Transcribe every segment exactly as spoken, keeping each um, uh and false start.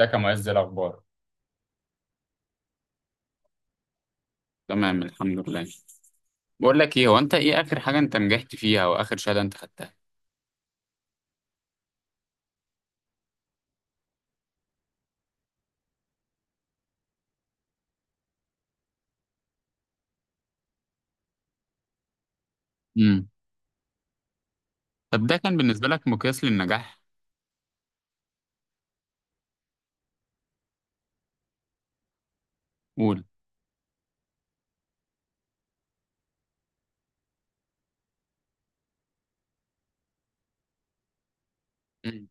ازيك يا معز؟ إيه الاخبار؟ تمام، الحمد لله. بقول لك ايه، هو انت ايه اخر حاجه انت نجحت فيها او اخر شهاده انت خدتها؟ امم. طب ده كان بالنسبه لك مقياس للنجاح؟ قول. امم،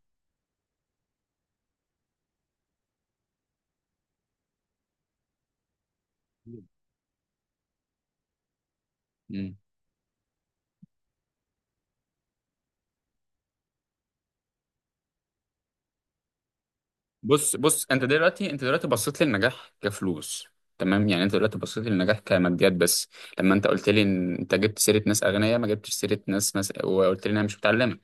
امم. بص بص، انت دلوقتي انت دلوقتي بصيت للنجاح كفلوس. تمام، يعني انت دلوقتي بصيت للنجاح كماديات بس. لما انت قلت لي ان انت جبت سيره ناس اغنياء، ما جبتش سيره ناس مثلا وقلت لي انها مش متعلمه.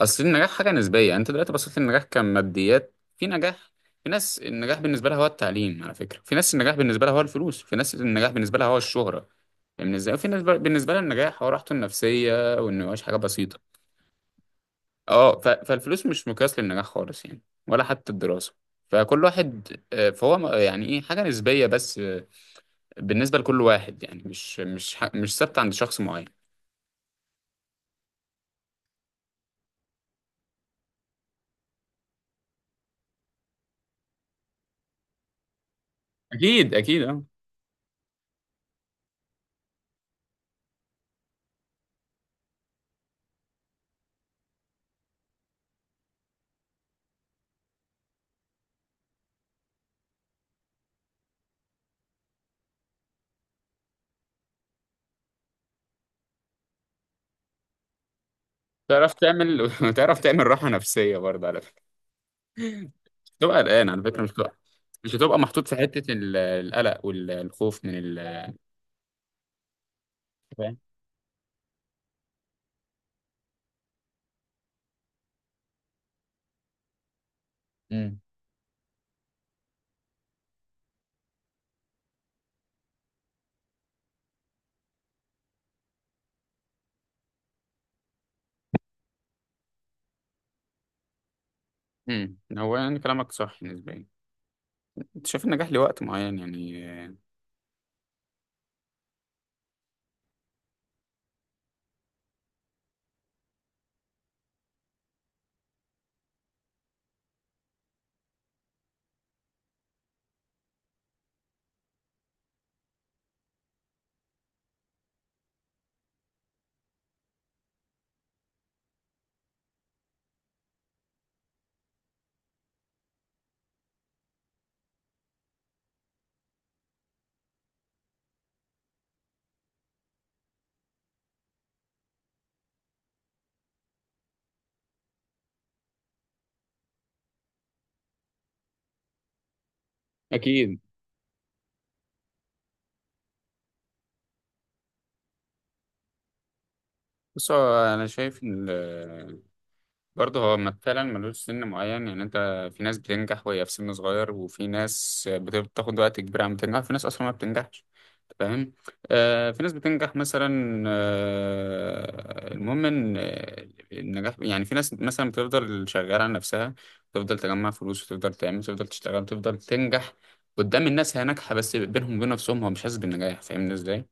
اصل النجاح حاجه نسبيه، يعني انت دلوقتي بصيت للنجاح كماديات. في نجاح، في ناس النجاح بالنسبه لها هو التعليم، على فكره، في ناس النجاح بالنسبه لها هو الفلوس، في ناس النجاح بالنسبه لها هو الشهره. فاهمني ازاي؟ وفي ناس بالنسبه لها النجاح هو راحته النفسيه وانه يعيش حاجه بسيطه. اه ف- فالفلوس مش مقياس للنجاح خالص يعني، ولا حتى الدراسه. فكل واحد، آه، فهو م- يعني ايه، حاجه نسبيه بس، آه، بالنسبه لكل واحد، يعني مش مش ح- مش ثابته عند شخص معين. اكيد، اكيد، اه. تعرف تعمل تعرف تعمل راحه نفسيه برضه، على فكره. تبقى قلقان على فكرة، مش هتبقى مش هتبقى محطوط في حتة ال- القلق والخوف من ال. فاهم. امم، امم. هو يعني كلامك صح نسبيا. انت شايف النجاح لوقت معين يعني؟ اكيد. بص، هو انا شايف إن، برضه هو ما- فعلا ملوش سن معين، يعني انت، في ناس بتنجح وهي في سن صغير، وفي ناس بت- بتاخد وقت كبير عم تنجح، في ناس اصلا ما بتنجحش. أنت فاهم؟ آه في ناس بتنجح مثلا، آه المهم ان آه، النجاح، يعني في ناس مثلا بتفضل شغالة على نفسها، تفضل تجمع فلوس وتفضل تعمل وتفضل تشتغل وتفضل تنجح. قدام الناس هي ناجحة، بس بينهم وبين نفسهم هو مش حاسس بالنجاح. فاهمني ازاي؟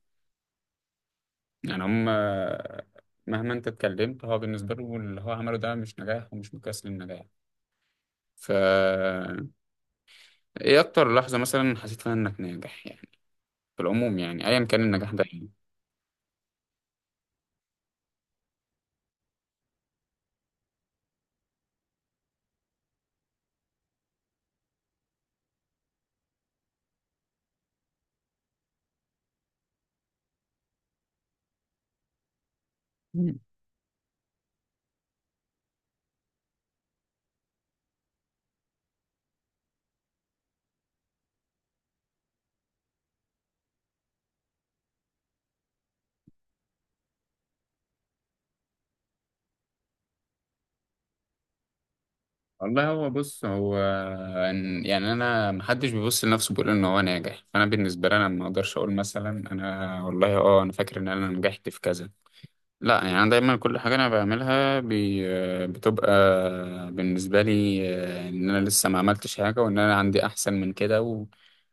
يعني هم، آه، مهما انت اتكلمت، هو بالنسبة له اللي هو عمله ده مش نجاح ومش مقياس للنجاح. ف ايه اكتر لحظة مثلا حسيت فيها انك ناجح يعني، في العموم، يعني ايا كان النجاح ده يعني؟ مم. والله، هو بص هو إن- يعني انا، محدش بيبص لنفسه بيقول ان هو ناجح. فانا بالنسبه لي، انا ما اقدرش اقول مثلا انا والله اه انا فاكر ان انا نجحت في كذا. لا، يعني انا دايما كل حاجه انا بعملها بي بتبقى بالنسبه لي، آه، ان انا لسه ما عملتش حاجه وان انا عندي احسن من كده.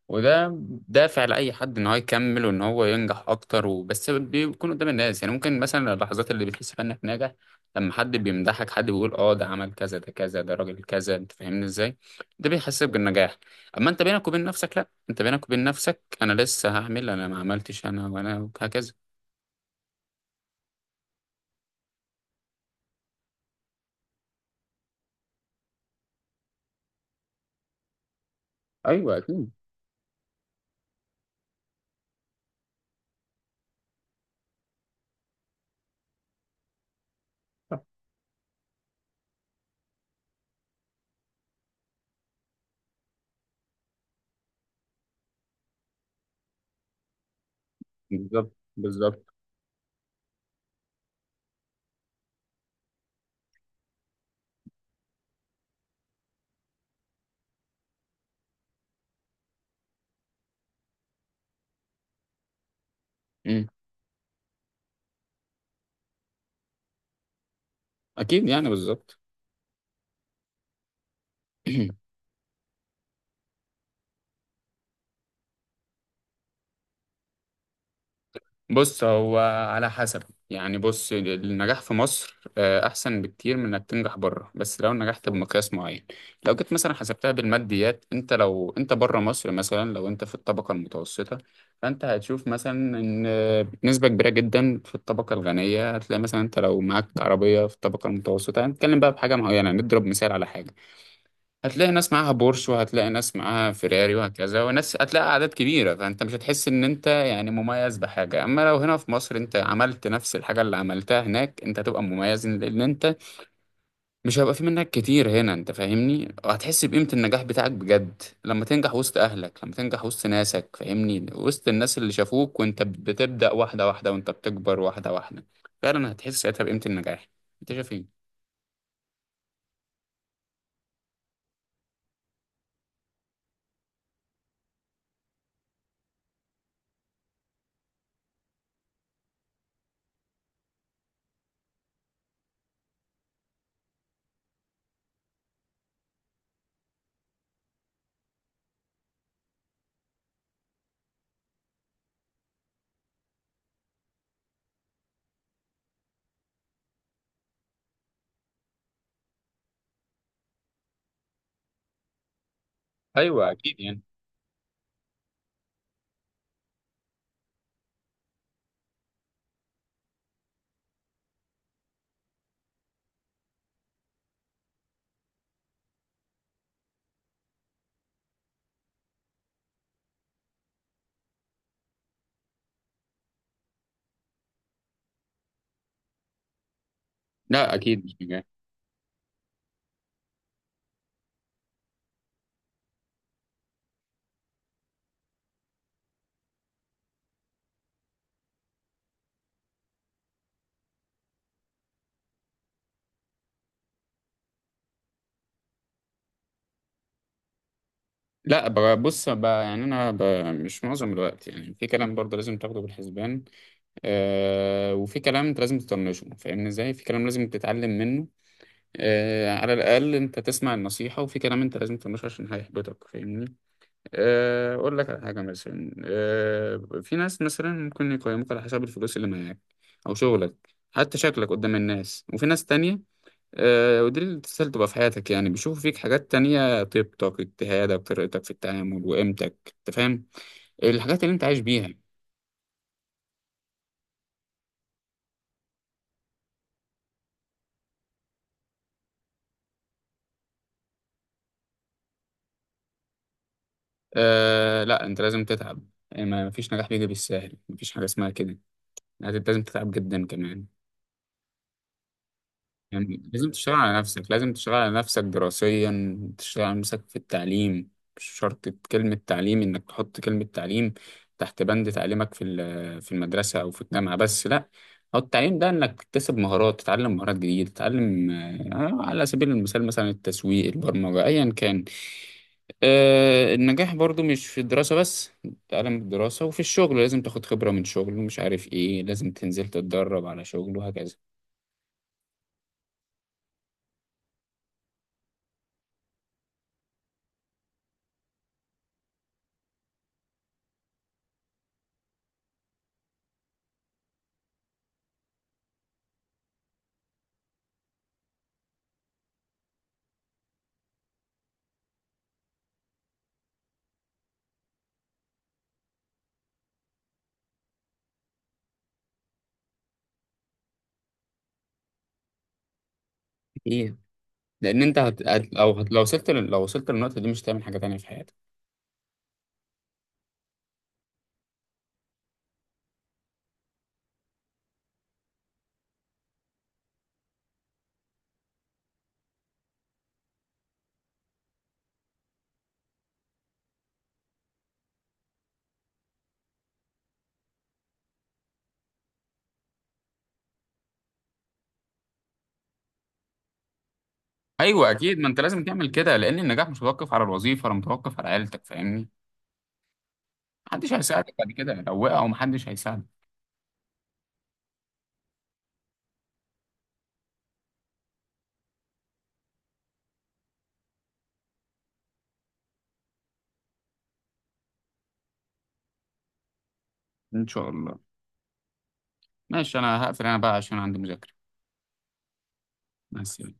وده دافع لأي حد إن هو يكمل وإن هو ينجح أكتر، وبس بيكون قدام الناس. يعني ممكن مثلا اللحظات اللي بتحس فيها إنك ناجح، لما حد بيمدحك، حد بيقول أه ده عمل كذا، ده كذا، ده راجل كذا. أنت فاهمني إزاي؟ ده بيحسسك بالنجاح. أما أنت بينك وبين نفسك، لأ، أنت بينك وبين نفسك أنا لسه هعمل، أنا ما عملتش، أنا وأنا، وهكذا. أيوه، أكيد. بالظبط، بالظبط. أمم. أكيد، يعني بالظبط. بص، هو على حسب. يعني بص، النجاح في مصر آه، أحسن بكتير من إنك تنجح بره، بس لو نجحت بمقياس معين. لو جيت مثلا حسبتها بالماديات، أنت لو أنت بره مصر مثلا، لو أنت في الطبقة المتوسطة، فأنت هتشوف مثلا إن آه، نسبة كبيرة جدا في الطبقة الغنية. هتلاقي مثلا، أنت لو معاك عربية في الطبقة المتوسطة، هنتكلم بقى بحاجة معينة، نضرب مثال على حاجة. هتلاقي ناس معاها بورش، وهتلاقي ناس معاها فيراري وهكذا، وناس هتلاقي أعداد كبيرة. فأنت مش هتحس إن أنت يعني مميز بحاجة. أما لو هنا في مصر أنت عملت نفس الحاجة اللي عملتها هناك، أنت هتبقى مميز، لأن أنت مش هيبقى في منك كتير هنا. أنت فاهمني؟ وهتحس بقيمة النجاح بتاعك بجد لما تنجح وسط أهلك، لما تنجح وسط ناسك، فاهمني؟ وسط الناس اللي شافوك وأنت بتبدأ واحدة واحدة وأنت بتكبر واحدة واحدة. فعلا هتحس ساعتها بقيمة النجاح. أنت شايف إيه؟ أيوه أكيد، يعني. لا، أكيد مش نجاح. لا، ب- بص، ب- يعني انا ب- مش معظم الوقت، يعني في كلام برضه لازم تاخده بالحسبان، آه وفي كلام انت لازم تطنشه. فاهمني ازاي؟ في كلام لازم تتعلم منه، آه على الاقل انت تسمع النصيحه، وفي كلام انت لازم تطنشه عشان هيحبطك، فاهمني؟ آه اقول لك على حاجه مثلا، آه في ناس مثلا ممكن يقيموك على حسب الفلوس اللي معاك، او شغلك، حتى شكلك قدام الناس. وفي ناس تانية، آه، ودي التسهيل تبقى في حياتك، يعني بيشوفوا فيك حاجات تانية: طيبتك، اجتهادك، طريقتك في التعامل، وقيمتك. انت فاهم؟ الحاجات اللي انت عايش بيها. أه، لا، انت لازم تتعب. يعني ما فيش نجاح بيجي بالسهل، مفيش حاجة اسمها كده. يعني لازم تتعب جدا كمان. يعني لازم تشتغل على نفسك، لازم تشتغل على نفسك دراسيا، تشتغل على نفسك في التعليم. مش شرط كلمة تعليم إنك تحط كلمة تعليم تحت بند تعليمك في ال- في المدرسة أو في الجامعة، بس لأ. هو التعليم ده إنك تكتسب مهارات، تتعلم مهارات جديدة، تتعلم، آه، على سبيل المثال مثلا التسويق، البرمجة، أيا كان. آه، النجاح برضو مش في الدراسة بس. تعلم الدراسة، وفي الشغل لازم تاخد خبرة من شغل ومش عارف إيه، لازم تنزل تتدرب على شغل وهكذا. إيه؟ لان انت هت... هت- لو هت... لو وصلت لل- لو وصلت للنقطه دي، مش هتعمل حاجه تانية في حياتك. ايوه اكيد، ما انت لازم تعمل كده، لان النجاح مش متوقف على الوظيفه ولا متوقف على عيلتك. فاهمني؟ محدش هيساعدك بعد كده، لو وقعوا محدش هيساعدك. ان شاء الله. ماشي، انا هقفل انا بقى عشان عندي مذاكره. مع السلامه.